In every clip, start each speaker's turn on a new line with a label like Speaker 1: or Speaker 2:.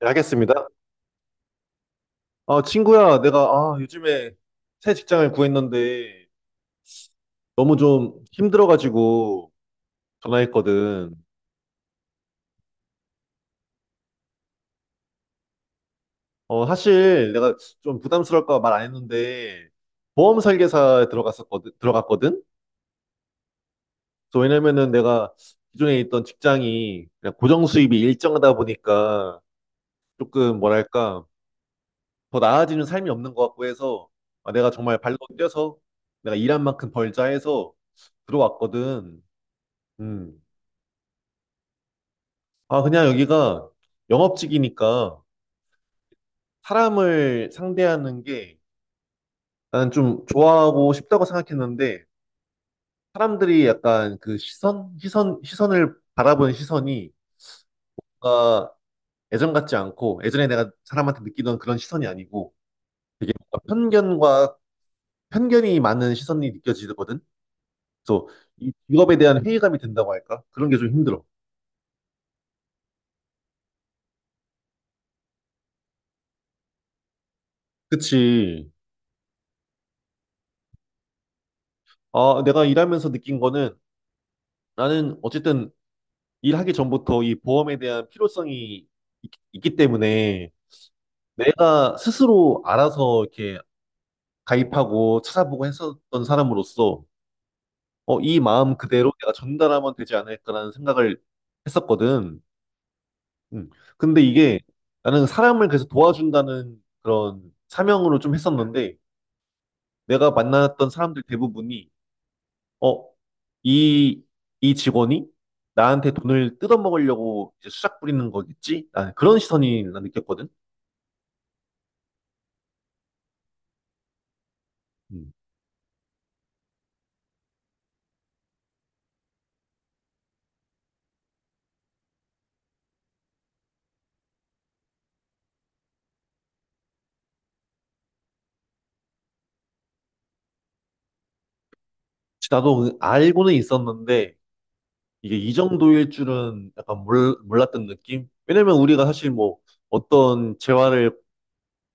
Speaker 1: 네, 겠습니다. 아, 친구야, 내가 아, 요즘에 새 직장을 구했는데 너무 좀 힘들어가지고 전화했거든. 어, 사실 내가 좀 부담스러울까 말 안 했는데 보험 설계사에 들어갔거든? 그래서 왜냐면은 내가 기존에 있던 직장이 그냥 고정 수입이 일정하다 보니까 조금 뭐랄까 더 나아지는 삶이 없는 것 같고 해서 아, 내가 정말 발로 뛰어서 내가 일한 만큼 벌자 해서 들어왔거든. 음. 아, 그냥 여기가 영업직이니까 사람을 상대하는 게 나는 좀 좋아하고 싶다고 생각했는데 사람들이 약간 그 시선을 바라보는 시선이 뭔가 예전 같지 않고 예전에 내가 사람한테 느끼던 그런 시선이 아니고 편견과 편견이 많은 시선이 느껴지거든. 그래서 이 직업에 대한 회의감이 든다고 할까? 그런 게 좀 힘들어. 그치. 아, 내가 일하면서 느낀 거는 나는 어쨌든 일하기 전부터 이 보험에 대한 필요성이 있기 때문에 내가 스스로 알아서 이렇게 가입하고 찾아보고 했었던 사람으로서 어, 이 마음 그대로 내가 전달하면 되지 않을까라는 생각을 했었거든. 음. 근데 이게 나는 사람을 그래서 도와준다는 그런 사명으로 좀 했었는데 내가 만났던 사람들 대부분이 어, 이, 이 직원이 나한테 돈을 뜯어먹으려고 이제 수작 부리는 거겠지? 아, 그런 시선이 난 느꼈거든. 음. 나도 알고는 있었는데 이게 이 정도일 줄은 약간 몰랐던 느낌? 왜냐면 우리가 사실 뭐 어떤 재화를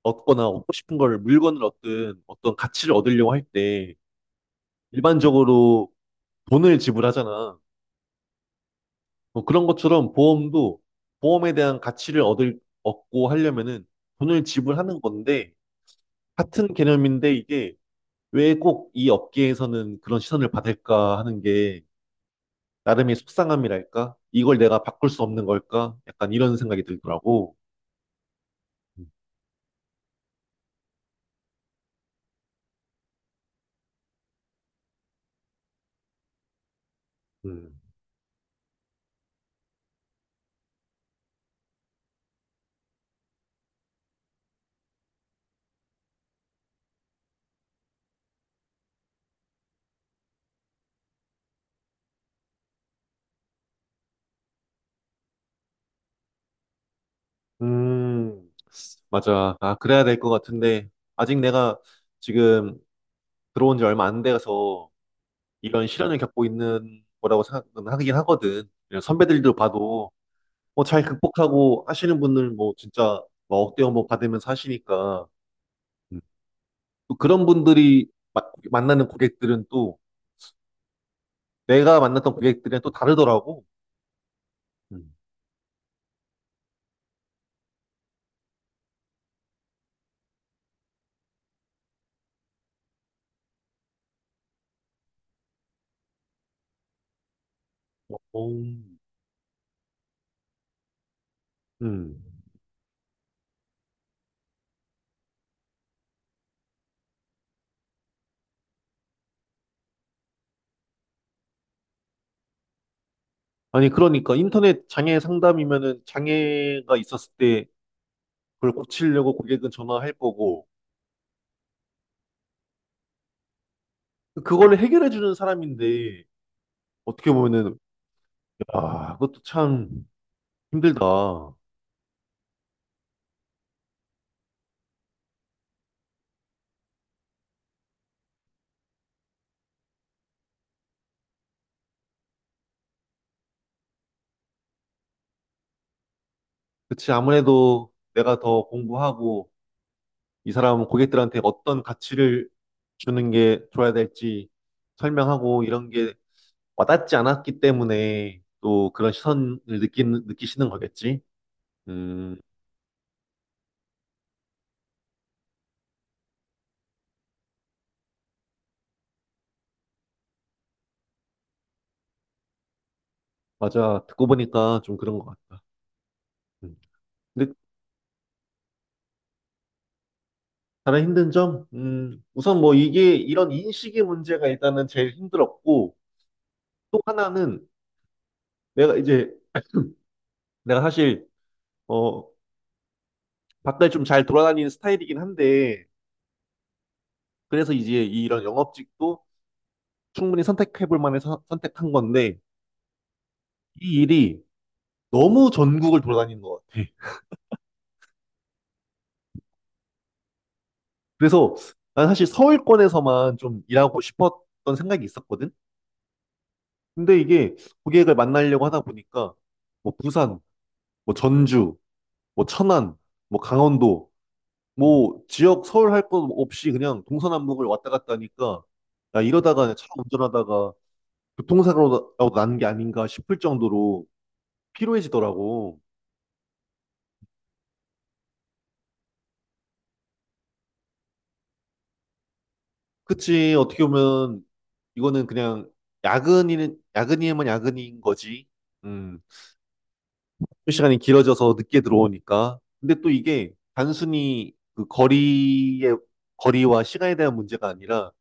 Speaker 1: 얻거나 얻고 싶은 걸 물건을 얻든 어떤 가치를 얻으려고 할 때 일반적으로 돈을 지불하잖아. 뭐 그런 것처럼 보험도 보험에 대한 가치를 얻을 얻고 하려면은 돈을 지불하는 건데 같은 개념인데 이게 왜 꼭 이 업계에서는 그런 시선을 받을까 하는 게 나름의 속상함이랄까? 이걸 내가 바꿀 수 없는 걸까? 약간 이런 생각이 들더라고. 음, 음, 맞아. 아, 그래야 될 것 같은데, 아직 내가 지금 들어온 지 얼마 안 돼서 이런 시련을 겪고 있는 거라고 생각은 하긴 하거든. 그냥 선배들도 봐도, 뭐, 잘 극복하고 하시는 분들, 뭐, 진짜, 뭐 억대어 뭐 받으면서 하시니까, 음. 또 그런 분들이 마- 만나는 고객들은 또, 내가 만났던 고객들이랑 또 다르더라고. 음. 어, 음. 음. 아니, 그러니까 인터넷 장애 상담이면은 장애가 있었을 때 그걸 고치려고 고객은 전화할 거고, 그거를 해결해 주는 사람인데, 어떻게 보면은, 야, 그것도 참 힘들다. 그치, 아무래도 내가 더 공부하고, 이 사람은 고객들한테 어떤 가치를 주는 게 줘야 될지 설명하고, 이런 게 와닿지 않았기 때문에 또 그런 시선을 느끼시는 거겠지? 음, 맞아. 듣고 보니까 좀 그런 것 같다. 음. 근데 가장 힘든 점? 우선 뭐 이게 이런 인식의 문제가 일단은 제일 힘들었고, 또 하나는 내가 이제, 내가 사실, 어, 바깥에 좀 잘 돌아다니는 스타일이긴 한데, 그래서 이제 이런 영업직도 충분히 선택해볼 만해 선택한 건데, 이 일이 너무 전국을 돌아다니는 것 같아. 그래서 난 사실 서울권에서만 좀 일하고 싶었던 생각이 있었거든? 근데 이게 고객을 만나려고 하다 보니까, 뭐 부산, 뭐 전주, 뭐 천안, 뭐 강원도, 뭐 지역 서울 할 것 없이 그냥 동서남북을 왔다 갔다 하니까 야 이러다가 차 운전하다가 교통사고라도 나는 게 아닌가 싶을 정도로 피로해지더라고. 그치, 어떻게 보면 이거는 그냥 야근이는 야근이면 야근인 거지. 음, 출근 시간이 길어져서 늦게 들어오니까. 근데 또 이게 단순히 그 거리의 거리와 시간에 대한 문제가 아니라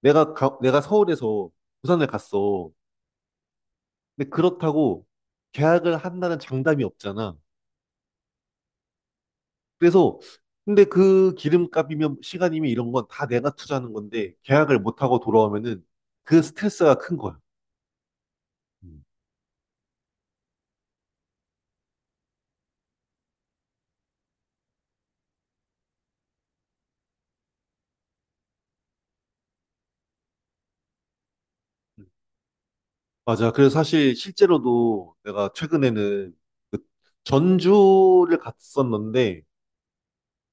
Speaker 1: 내가 서울에서 부산을 갔어. 근데 그렇다고 계약을 한다는 장담이 없잖아. 그래서 근데 그 기름값이면 시간이면 이런 건 다 내가 투자하는 건데 계약을 못 하고 돌아오면은 그 스트레스가 큰 거야. 음. 맞아. 그래서 사실 실제로도 내가 최근에는 그 전주를 갔었는데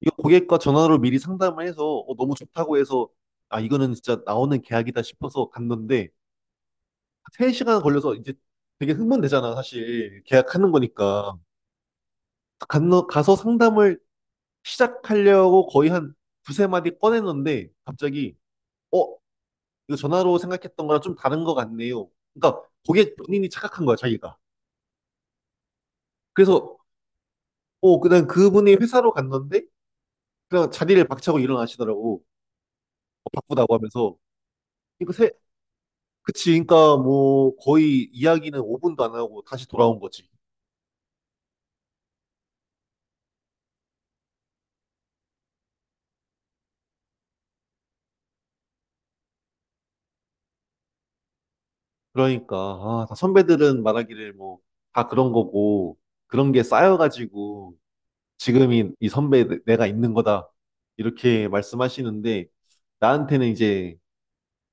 Speaker 1: 이거 고객과 전화로 미리 상담을 해서 어, 너무 좋다고 해서 아 이거는 진짜 나오는 계약이다 싶어서 갔는데 3시간 걸려서 이제 되게 흥분되잖아 사실 계약하는 거니까. 가서 상담을 시작하려고 거의 한 두세 마디 꺼냈는데 갑자기 어 이거 전화로 생각했던 거랑 좀 다른 것 같네요. 그러니까 고객 본인이 착각한 거야 자기가. 그래서 어 그냥 그분이 회사로 갔는데 그냥 자리를 박차고 일어나시더라고. 어, 바쁘다고 하면서 이거 세 그치 그러니까 뭐 거의 이야기는 5분도 안 하고 다시 돌아온 거지. 그러니까 아, 다 선배들은 말하기를 뭐 다 그런 거고 그런 게 쌓여가지고 지금이 이 선배 가 있는 거다. 이렇게 말씀하시는데 나한테는 이제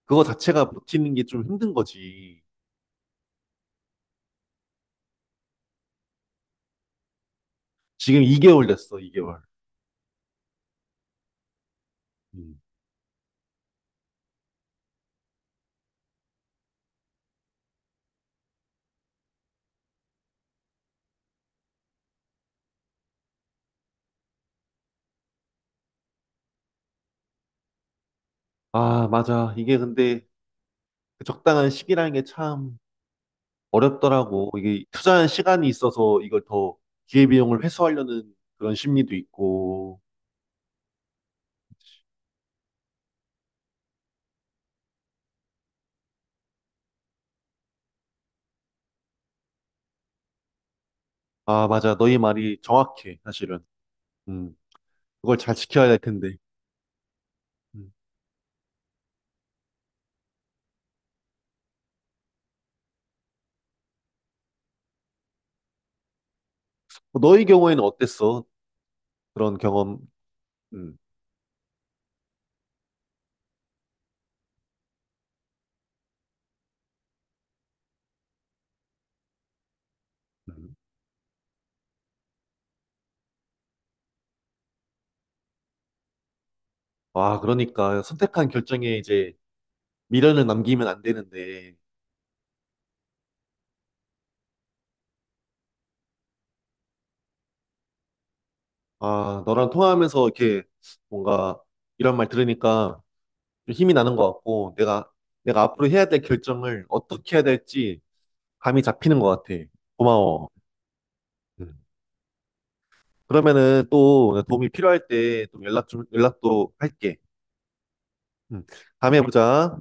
Speaker 1: 그거 자체가 버티는 게 좀 힘든 거지. 지금 2개월 됐어, 2개월. 아, 맞아. 이게 근데 그 적당한 시기라는 게 참 어렵더라고. 이게 투자한 시간이 있어서 이걸 더 기회비용을 회수하려는 그런 심리도 있고. 아, 맞아. 너희 말이 정확해, 사실은. 음, 그걸 잘 지켜야 될 텐데. 음. 너희 경우에는 어땠어? 그런 경험. 음. 음. 와, 그러니까 선택한 결정에 이제 미련을 남기면 안 되는데, 아, 너랑 통화하면서 이렇게 뭔가 이런 말 들으니까 좀 힘이 나는 것 같고, 내가, 내가 앞으로 해야 될 결정을 어떻게 해야 될지 감이 잡히는 것 같아. 고마워. 음. 그러면은 또 도움이 필요할 때 또 연락 좀, 연락도 할게. 음. 다음에 보자.